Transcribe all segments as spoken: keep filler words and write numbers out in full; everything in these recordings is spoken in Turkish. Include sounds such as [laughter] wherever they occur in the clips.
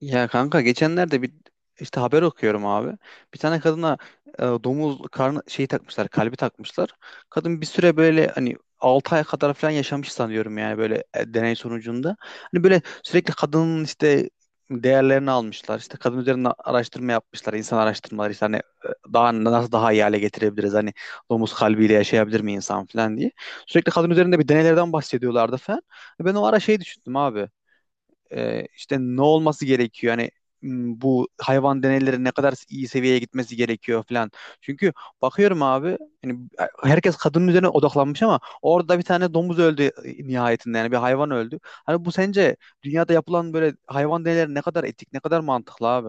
Ya kanka geçenlerde bir işte haber okuyorum abi. Bir tane kadına e, domuz karnı şeyi takmışlar, kalbi takmışlar. Kadın bir süre böyle hani 6 ay kadar falan yaşamış sanıyorum, yani böyle e, deney sonucunda. Hani böyle sürekli kadının işte değerlerini almışlar. İşte kadın üzerine araştırma yapmışlar, insan araştırmaları işte hani e, daha nasıl daha iyi hale getirebiliriz? Hani domuz kalbiyle yaşayabilir mi insan falan diye. Sürekli kadın üzerinde bir deneylerden bahsediyorlardı falan. Ben o ara şey düşündüm abi, e, işte ne olması gerekiyor? Yani m, bu hayvan deneyleri ne kadar iyi seviyeye gitmesi gerekiyor falan. Çünkü bakıyorum abi, yani herkes kadının üzerine odaklanmış ama orada bir tane domuz öldü e, nihayetinde, yani bir hayvan öldü. Hani bu sence dünyada yapılan böyle hayvan deneyleri ne kadar etik, ne kadar mantıklı abi?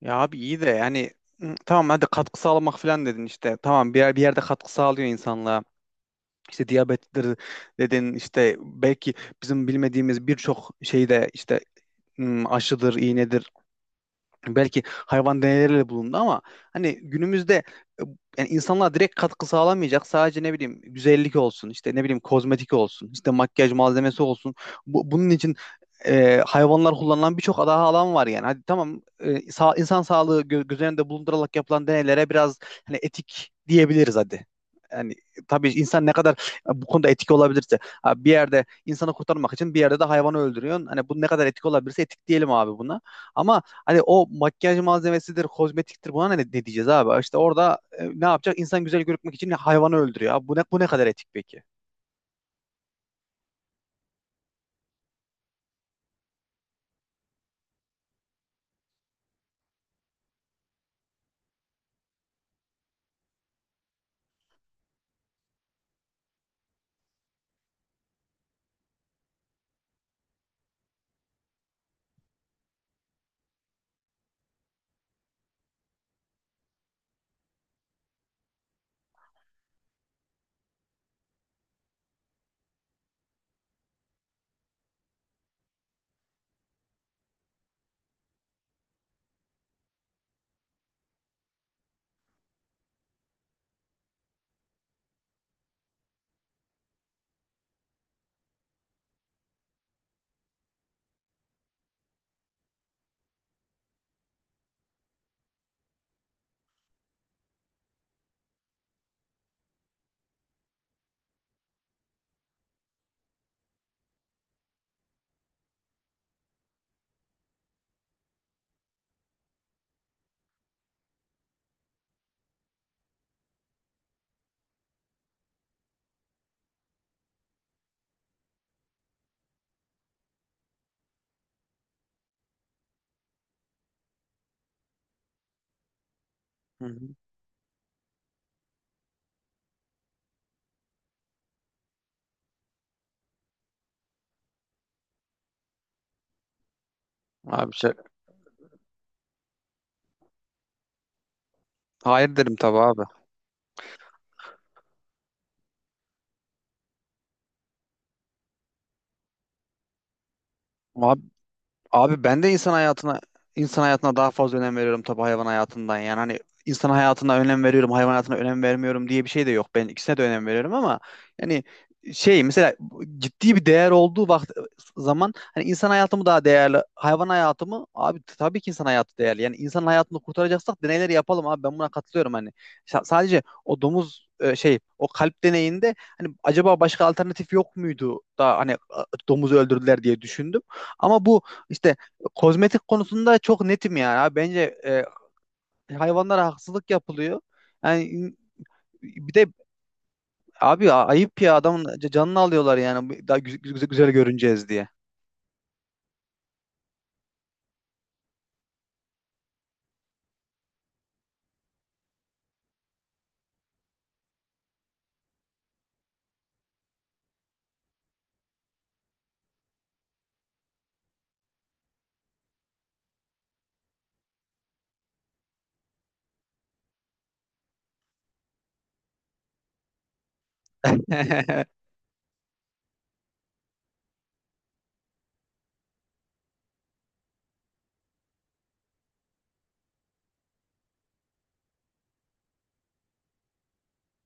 Ya abi iyi de yani m, tamam hadi katkı sağlamak falan dedin işte. Tamam bir yer, bir yerde katkı sağlıyor insanlığa. İşte diyabettir dedin işte, belki bizim bilmediğimiz birçok şeyde işte ım, aşıdır, iğnedir, belki hayvan deneyleriyle bulundu ama hani günümüzde e, yani insanlar direkt katkı sağlamayacak, sadece ne bileyim güzellik olsun işte, ne bileyim kozmetik olsun işte, makyaj malzemesi olsun. Bu- bunun için e, hayvanlar kullanılan birçok daha alan var yani, hadi tamam, e, sağ, insan sağlığı gö göz önünde bulundurarak yapılan deneylere biraz hani etik diyebiliriz hadi. Yani tabii insan ne kadar e, bu konuda etik olabilirse ha, bir yerde insanı kurtarmak için bir yerde de hayvanı öldürüyorsun. Hani bu ne kadar etik olabilirse etik diyelim abi buna. Ama hani o makyaj malzemesidir, kozmetiktir, buna ne, ne diyeceğiz abi? İşte orada e, ne yapacak? İnsan güzel görünmek için hayvanı öldürüyor. Abi bu ne, bu ne kadar etik peki? Hı hı. Abi şey, hayır derim tabii abi. Abi Abi ben de insan hayatına insan hayatına daha fazla önem veriyorum tabii hayvan hayatından. Yani hani insan hayatına önem veriyorum, hayvan hayatına önem vermiyorum diye bir şey de yok. Ben ikisine de önem veriyorum ama yani şey, mesela ciddi bir değer olduğu vakt zaman hani insan hayatımı daha değerli, hayvan hayatımı, abi t- tabii ki insan hayatı değerli. Yani insan hayatını kurtaracaksak deneyleri yapalım abi. Ben buna katılıyorum hani. Sa- sadece o domuz, e, şey, o kalp deneyinde hani acaba başka alternatif yok muydu da hani a- domuzu öldürdüler diye düşündüm. Ama bu işte kozmetik konusunda çok netim yani. Abi bence e, hayvanlara haksızlık yapılıyor. Yani bir de abi a- ayıp ya, adamın ca- canını alıyorlar yani, bu- daha güz- güz- güzel görüneceğiz diye. [laughs]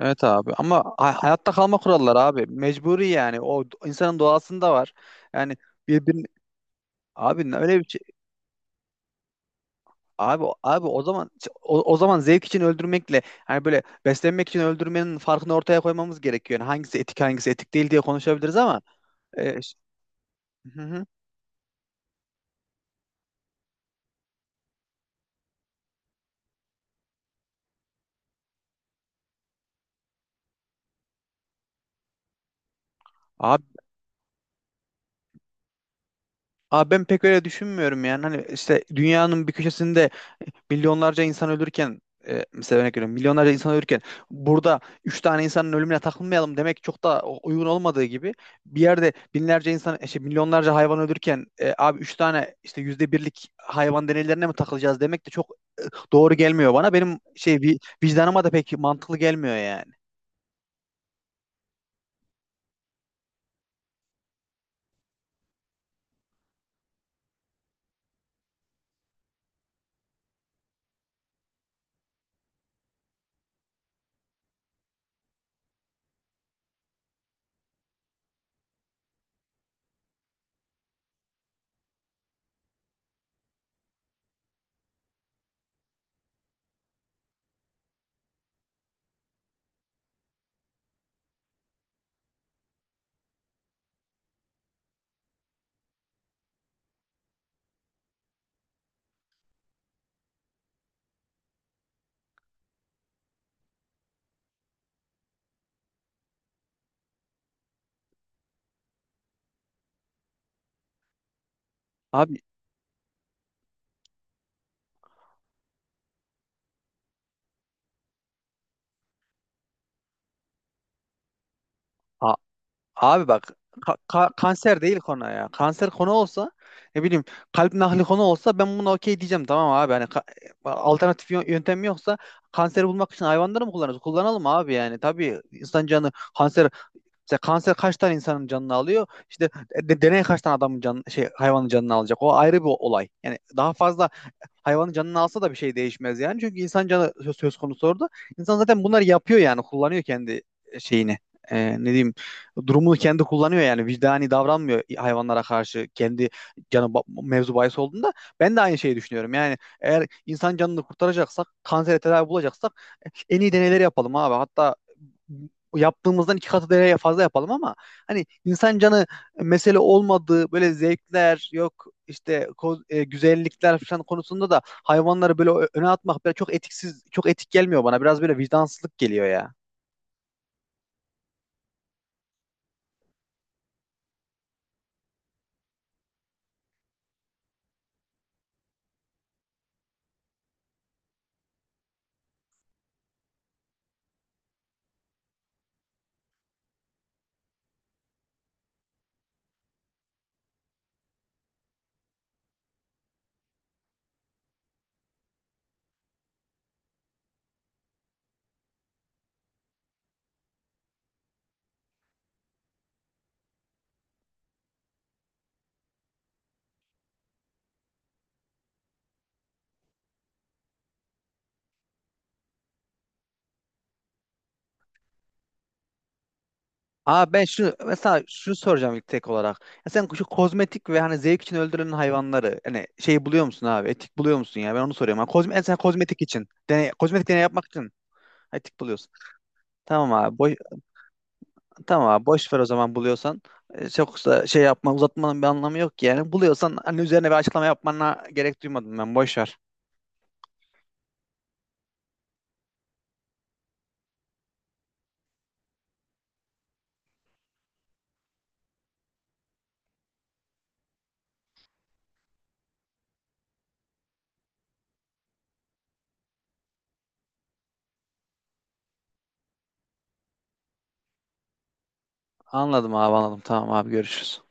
Evet abi, ama hay- hayatta kalma kuralları abi mecburi, yani o d- insanın doğasında var. Yani birbirini abi ne- öyle bir şey. Abi abi o zaman, o, o zaman zevk için öldürmekle hani böyle beslenmek için öldürmenin farkını ortaya koymamız gerekiyor. Yani hangisi etik hangisi etik değil diye konuşabiliriz ama. Hı hı. Abi, abi ben pek öyle düşünmüyorum yani. Hani işte dünyanın bir köşesinde milyonlarca insan ölürken e, mesela örnek veriyorum, milyonlarca insan ölürken burada üç tane insanın ölümüne takılmayalım demek çok da uygun olmadığı gibi, bir yerde binlerce insan işte milyonlarca hayvan ölürken e, abi üç tane işte yüzde birlik hayvan deneylerine mi takılacağız demek de çok doğru gelmiyor bana. Benim şey, vi- vicdanıma da pek mantıklı gelmiyor yani. Abi Abi bak, ka- ka- kanser değil konu ya. Kanser konu olsa, ne bileyim kalp nakli konu olsa ben buna okey diyeceğim, tamam abi. Hani ka- e, alternatif yö- yöntem yoksa kanseri bulmak için hayvanları mı kullanırız? Kullanalım abi yani. Tabii insan canı, kanser, mesela kanser kaç tane insanın canını alıyor? İşte e, de- deney kaç tane adamın canı, şey, hayvanın canını alacak? O ayrı bir olay. Yani daha fazla hayvanın canını alsa da bir şey değişmez yani. Çünkü insan canı söz, söz konusu orada. İnsan zaten bunları yapıyor yani. Kullanıyor kendi şeyini. Ee, ne diyeyim, durumunu kendi kullanıyor yani, vicdani davranmıyor hayvanlara karşı, kendi canı ba- mevzu bahis olduğunda ben de aynı şeyi düşünüyorum yani. Eğer insan canını kurtaracaksak, kansere tedavi bulacaksak en iyi deneyleri yapalım abi. Hatta yaptığımızdan iki katı deneye fazla yapalım, ama hani insan canı mesele olmadığı böyle zevkler yok işte, ko- e, güzellikler falan konusunda da hayvanları böyle ö- öne atmak böyle çok etiksiz, çok etik gelmiyor bana. Biraz böyle vicdansızlık geliyor ya. Aa ben şunu, mesela şunu soracağım ilk tek olarak. Ya sen şu kozmetik ve hani zevk için öldürülen hayvanları hani şey buluyor musun abi? Etik buluyor musun ya? Ben onu soruyorum. Ha, kozme, sen kozmetik için. Deney, kozmetik deney yapmak için etik buluyorsun. Tamam abi. Boş, Tamam abi, boş ver o zaman, buluyorsan. E, Çok da şey yapma, uzatmanın bir anlamı yok ki yani. Buluyorsan hani üzerine bir açıklama yapmana gerek duymadım ben. Boş ver. Anladım abi, anladım. Tamam abi, görüşürüz.